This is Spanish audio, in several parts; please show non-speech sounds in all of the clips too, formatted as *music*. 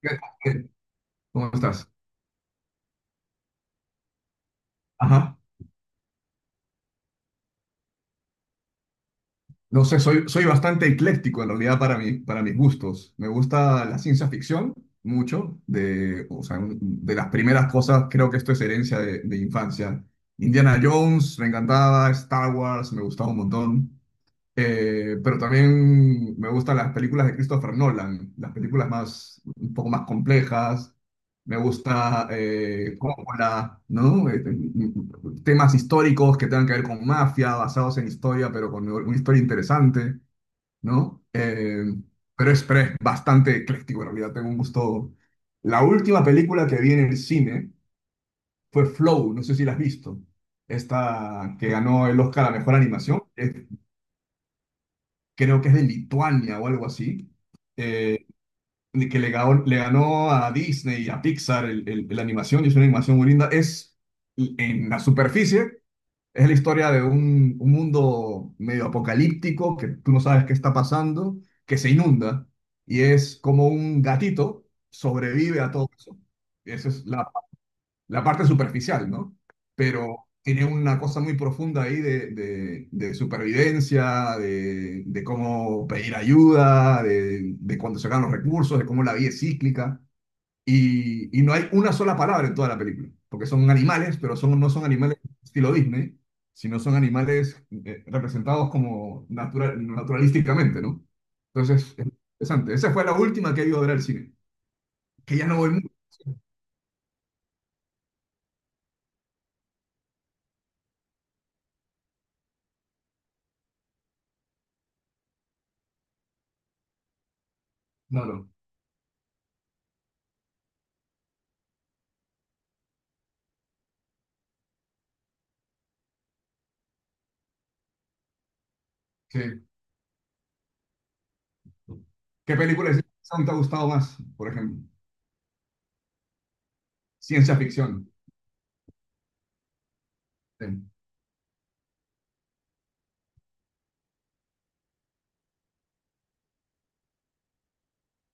¿Qué- qué- ¿Cómo estás? Ajá. No sé, soy bastante ecléctico en realidad para mí, para mis gustos. Me gusta la ciencia ficción mucho, o sea, de las primeras cosas, creo que esto es herencia de infancia. Indiana Jones, me encantaba, Star Wars, me gustaba un montón. Pero también me gustan las películas de Christopher Nolan, las películas más, un poco más complejas. Me gusta Coppola, ¿no? Temas históricos que tengan que ver con mafia, basados en historia, pero con una historia interesante, ¿no? Pero es bastante ecléctico, en realidad tengo un gusto. La última película que vi en el cine fue Flow, no sé si la has visto. Esta que ganó el Oscar a Mejor Animación. Es Creo que es de Lituania o algo así, eh, que le ganó a Disney y a Pixar la animación, y es una animación muy linda. En la superficie, es la historia de un mundo medio apocalíptico, que tú no sabes qué está pasando, que se inunda, y es como un gatito sobrevive a todo eso. Esa es la parte superficial, ¿no? Pero tiene una cosa muy profunda ahí de supervivencia, de cómo pedir ayuda, de cuando se acaban los recursos, de cómo la vida es cíclica. Y no hay una sola palabra en toda la película, porque son animales, pero no son animales estilo Disney, sino son animales representados como naturalísticamente, ¿no? Entonces, es interesante. Esa fue la última que he ido a ver al cine, que ya no voy mucho. No, no. Sí. ¿Qué película de ciencia ficción te ha gustado más, por ejemplo? Ciencia ficción. Sí.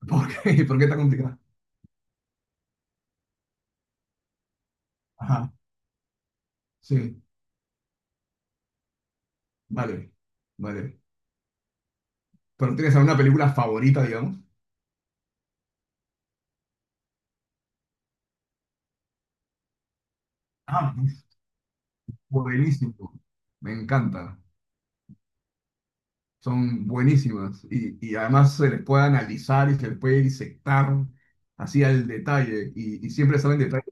¿Por qué? *laughs* ¿Por qué está complicada? Ajá, sí, vale, vale. ¿Pero tienes alguna película favorita, digamos? Ah, pues, buenísimo. Me encanta. Son buenísimas. Y además se les puede analizar y se les puede disectar así al detalle. Y siempre saben detalles.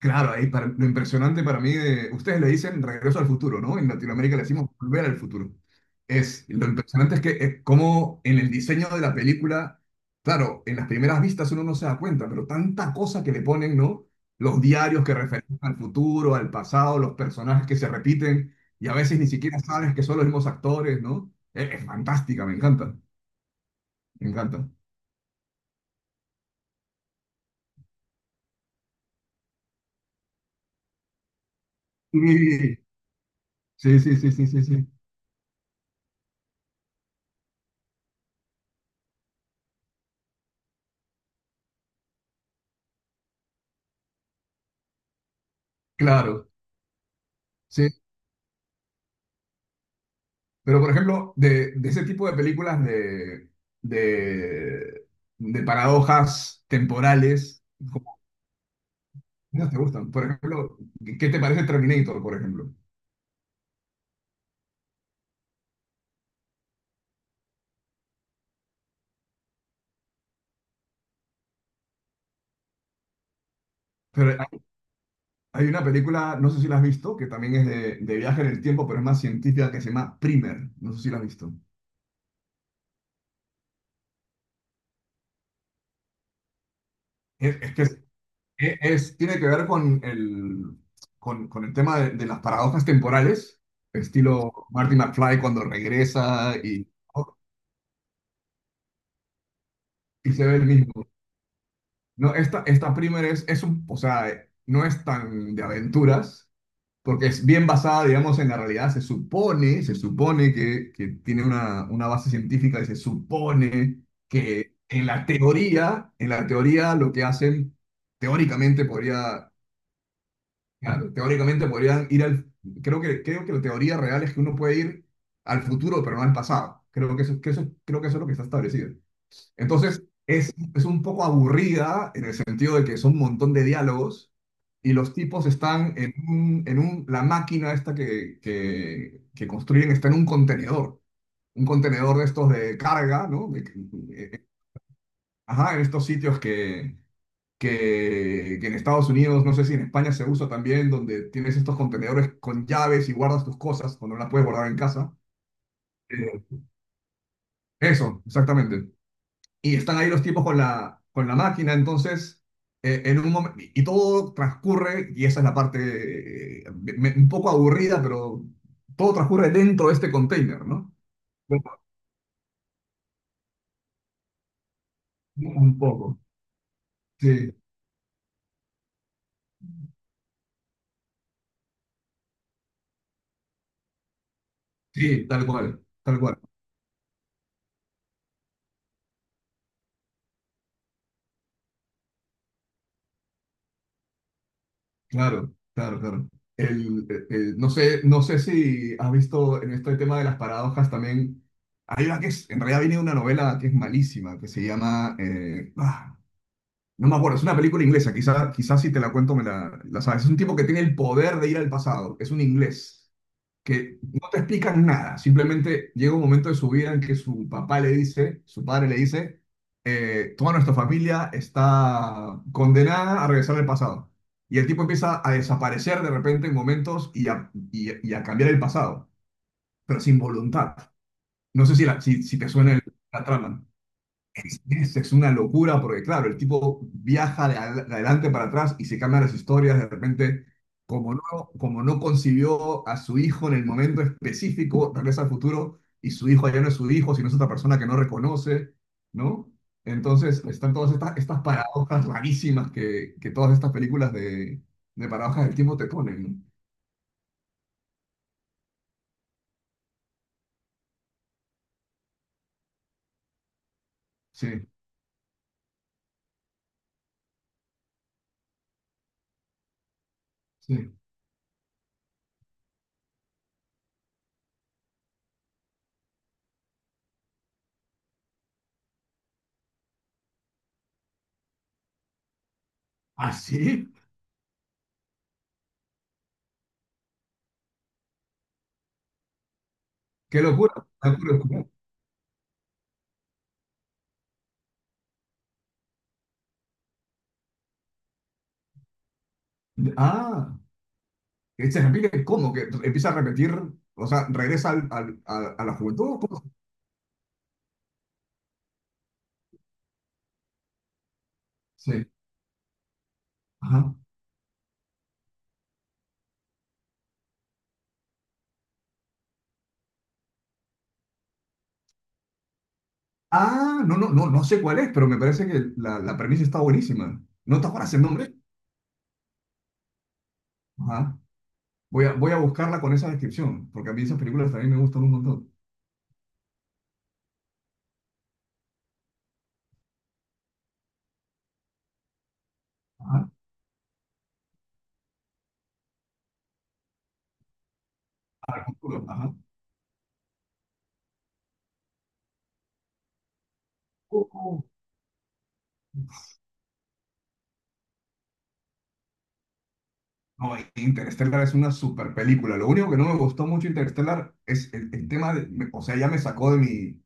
Claro, ahí lo impresionante para mí ustedes le dicen regreso al futuro, ¿no? En Latinoamérica le decimos volver al futuro. Lo impresionante es que es como en el diseño de la película, claro, en las primeras vistas uno no se da cuenta, pero tanta cosa que le ponen, ¿no? Los diarios que referencian al futuro, al pasado, los personajes que se repiten y a veces ni siquiera sabes que son los mismos actores, ¿no? Es fantástica, me encanta, me encanta. Sí, sí, sí, sí, sí, sí. Claro. Sí. Pero, por ejemplo, de ese tipo de películas de, de paradojas temporales, como no te gustan. Por ejemplo, ¿qué te parece Terminator, por ejemplo? Pero hay una película, no sé si la has visto, que también es de viaje en el tiempo, pero es más científica, que se llama Primer. No sé si la has visto. Es que tiene que ver con con el tema de las paradojas temporales, estilo Marty McFly cuando regresa y se ve el mismo. No, esta primera o sea, no es tan de aventuras, porque es bien basada, digamos, en la realidad. Se supone que, tiene una base científica y se supone que en la teoría lo que hacen, teóricamente podría, claro, teóricamente podrían ir al, creo que la teoría real es que uno puede ir al futuro, pero no al pasado. Creo que eso es lo que está establecido. Entonces, es un poco aburrida en el sentido de que son un montón de diálogos y los tipos están la máquina esta que construyen está en un contenedor de estos de carga, ¿no? Ajá, en estos sitios que en Estados Unidos, no sé si en España se usa también, donde tienes estos contenedores con llaves y guardas tus cosas cuando no las puedes guardar en casa. Eh, Eso, exactamente. Y están ahí los tipos con la máquina, entonces, en un momen- y todo transcurre, y esa es la parte un poco aburrida, pero todo transcurre dentro de este container, ¿no? Bueno, un poco. Sí, sí, tal cual, claro, claro, claro. No sé si has visto en este tema de las paradojas también, hay una que en realidad viene de una novela que es malísima, que se llama, no me acuerdo, es una película inglesa, quizá si te la cuento me la sabes. Es un tipo que tiene el poder de ir al pasado, es un inglés, que no te explican nada, simplemente llega un momento de su vida en que su papá le dice, su padre le dice, toda nuestra familia está condenada a regresar al pasado. Y el tipo empieza a desaparecer de repente en momentos y a cambiar el pasado, pero sin voluntad. No sé si te suena la trama. Es una locura porque, claro, el tipo viaja de adelante para atrás y se cambian las historias de repente. Como no, como no concibió a su hijo en el momento específico, regresa al futuro y su hijo ya no es su hijo, sino es otra persona que no reconoce, ¿no? Entonces están todas estas paradojas rarísimas que todas estas películas de paradojas del tiempo te ponen, ¿no? Sí, sí. ¿Ah, sí? ¡Qué locura! ¡Qué locura! Ah. Cristian Enrique, ¿cómo? ¿Que empieza a repetir? O sea, regresa al, a la juventud. ¿Cómo? Sí. Ajá. Ah, no, no, no, no sé cuál es, pero me parece que la premisa está buenísima. ¿No te acuerdas el nombre? Ajá. Voy a buscarla con esa descripción, porque a mí esas películas también me gustan un montón. Ajá. Ajá. Oh, oh. No, Interstellar es una super película. Lo único que no me gustó mucho Interstellar es el tema o sea, ya me sacó de mi,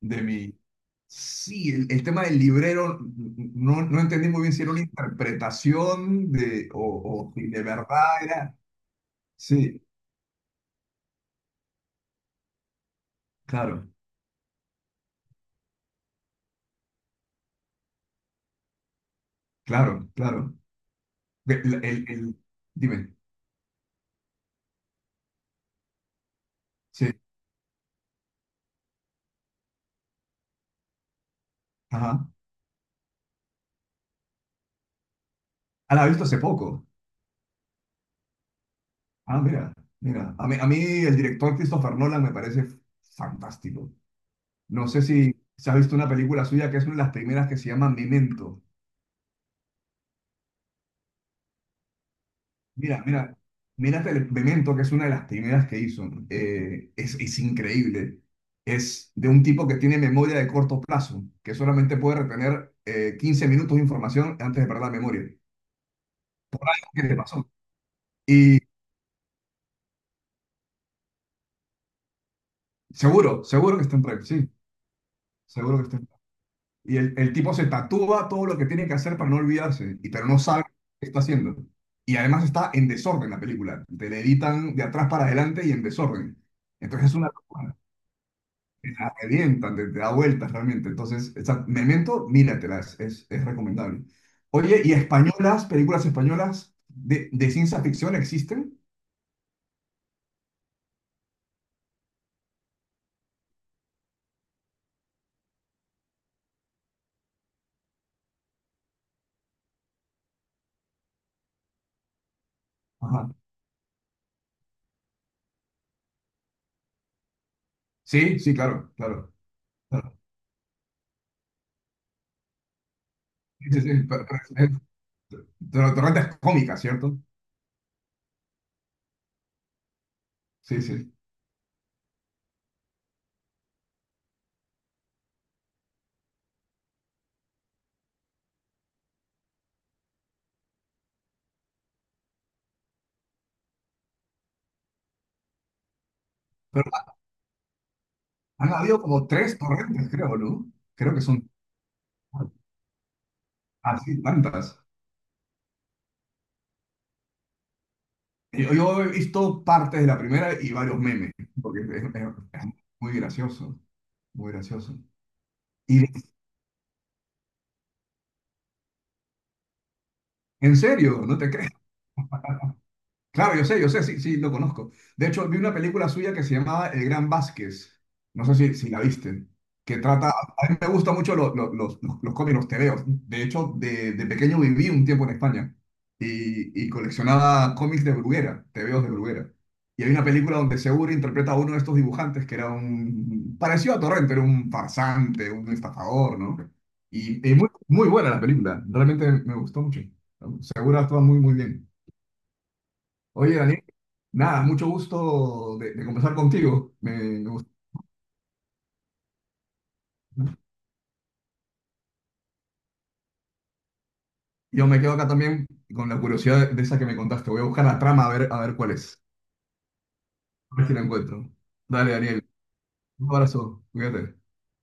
de mi... Sí, el tema del librero, no entendí muy bien si era una interpretación o si de verdad era. Sí, claro, claro, claro. El, el- el- dime, sí, ajá. Ah, la he visto hace poco. Ah, mira, mira. A mí el director Christopher Nolan me parece fantástico. No sé si se ha visto una película suya que es una de las primeras que se llama Memento. Mira, mira, mírate el experimento que es una de las primeras que hizo. Es increíble. Es de un tipo que tiene memoria de corto plazo, que solamente puede retener 15 minutos de información antes de perder la memoria. ¿Qué le pasó? Y seguro, seguro que está en Pride, sí, seguro que está en Pride. Y el tipo se tatúa todo lo que tiene que hacer para no olvidarse, pero no sabe qué está haciendo. Y además está en desorden la película. Te le editan de atrás para adelante y en desorden. Entonces es una locura. Te la revientan, te da vueltas realmente. Entonces, Memento, míratelas, es recomendable. Oye, ¿y españolas, películas españolas de ciencia ficción existen? Ajá. Sí, sí, claro, claro. Claro. Sí, sí, sí, es- pero torrentas cómicas, ¿cierto? Sí, sí. Pero han habido como tres torrentes, creo, ¿no? Creo que son así, tantas. Yo he visto partes de la primera y varios memes, porque es muy gracioso, muy gracioso. En serio, no te crees. Claro, yo sé, sí, sí, lo conozco. De hecho, vi una película suya que se llamaba El Gran Vázquez. No sé si la viste. Que trata. A mí me gustan mucho los cómics, los tebeos. De hecho, de pequeño viví un tiempo en España y coleccionaba cómics de Bruguera, tebeos de Bruguera. Y hay una película donde Segura interpreta a uno de estos dibujantes que era un. Parecido a Torrente, era un farsante, un estafador, ¿no? Y muy, muy buena la película. Realmente me gustó mucho. Segura actúa muy, muy bien. Oye, Daniel, nada, mucho gusto de conversar contigo. Me gustó. Yo me quedo acá también con la curiosidad de esa que me contaste. Voy a buscar la trama a ver cuál es. A ver si la encuentro. Dale, Daniel. Un abrazo. Cuídate.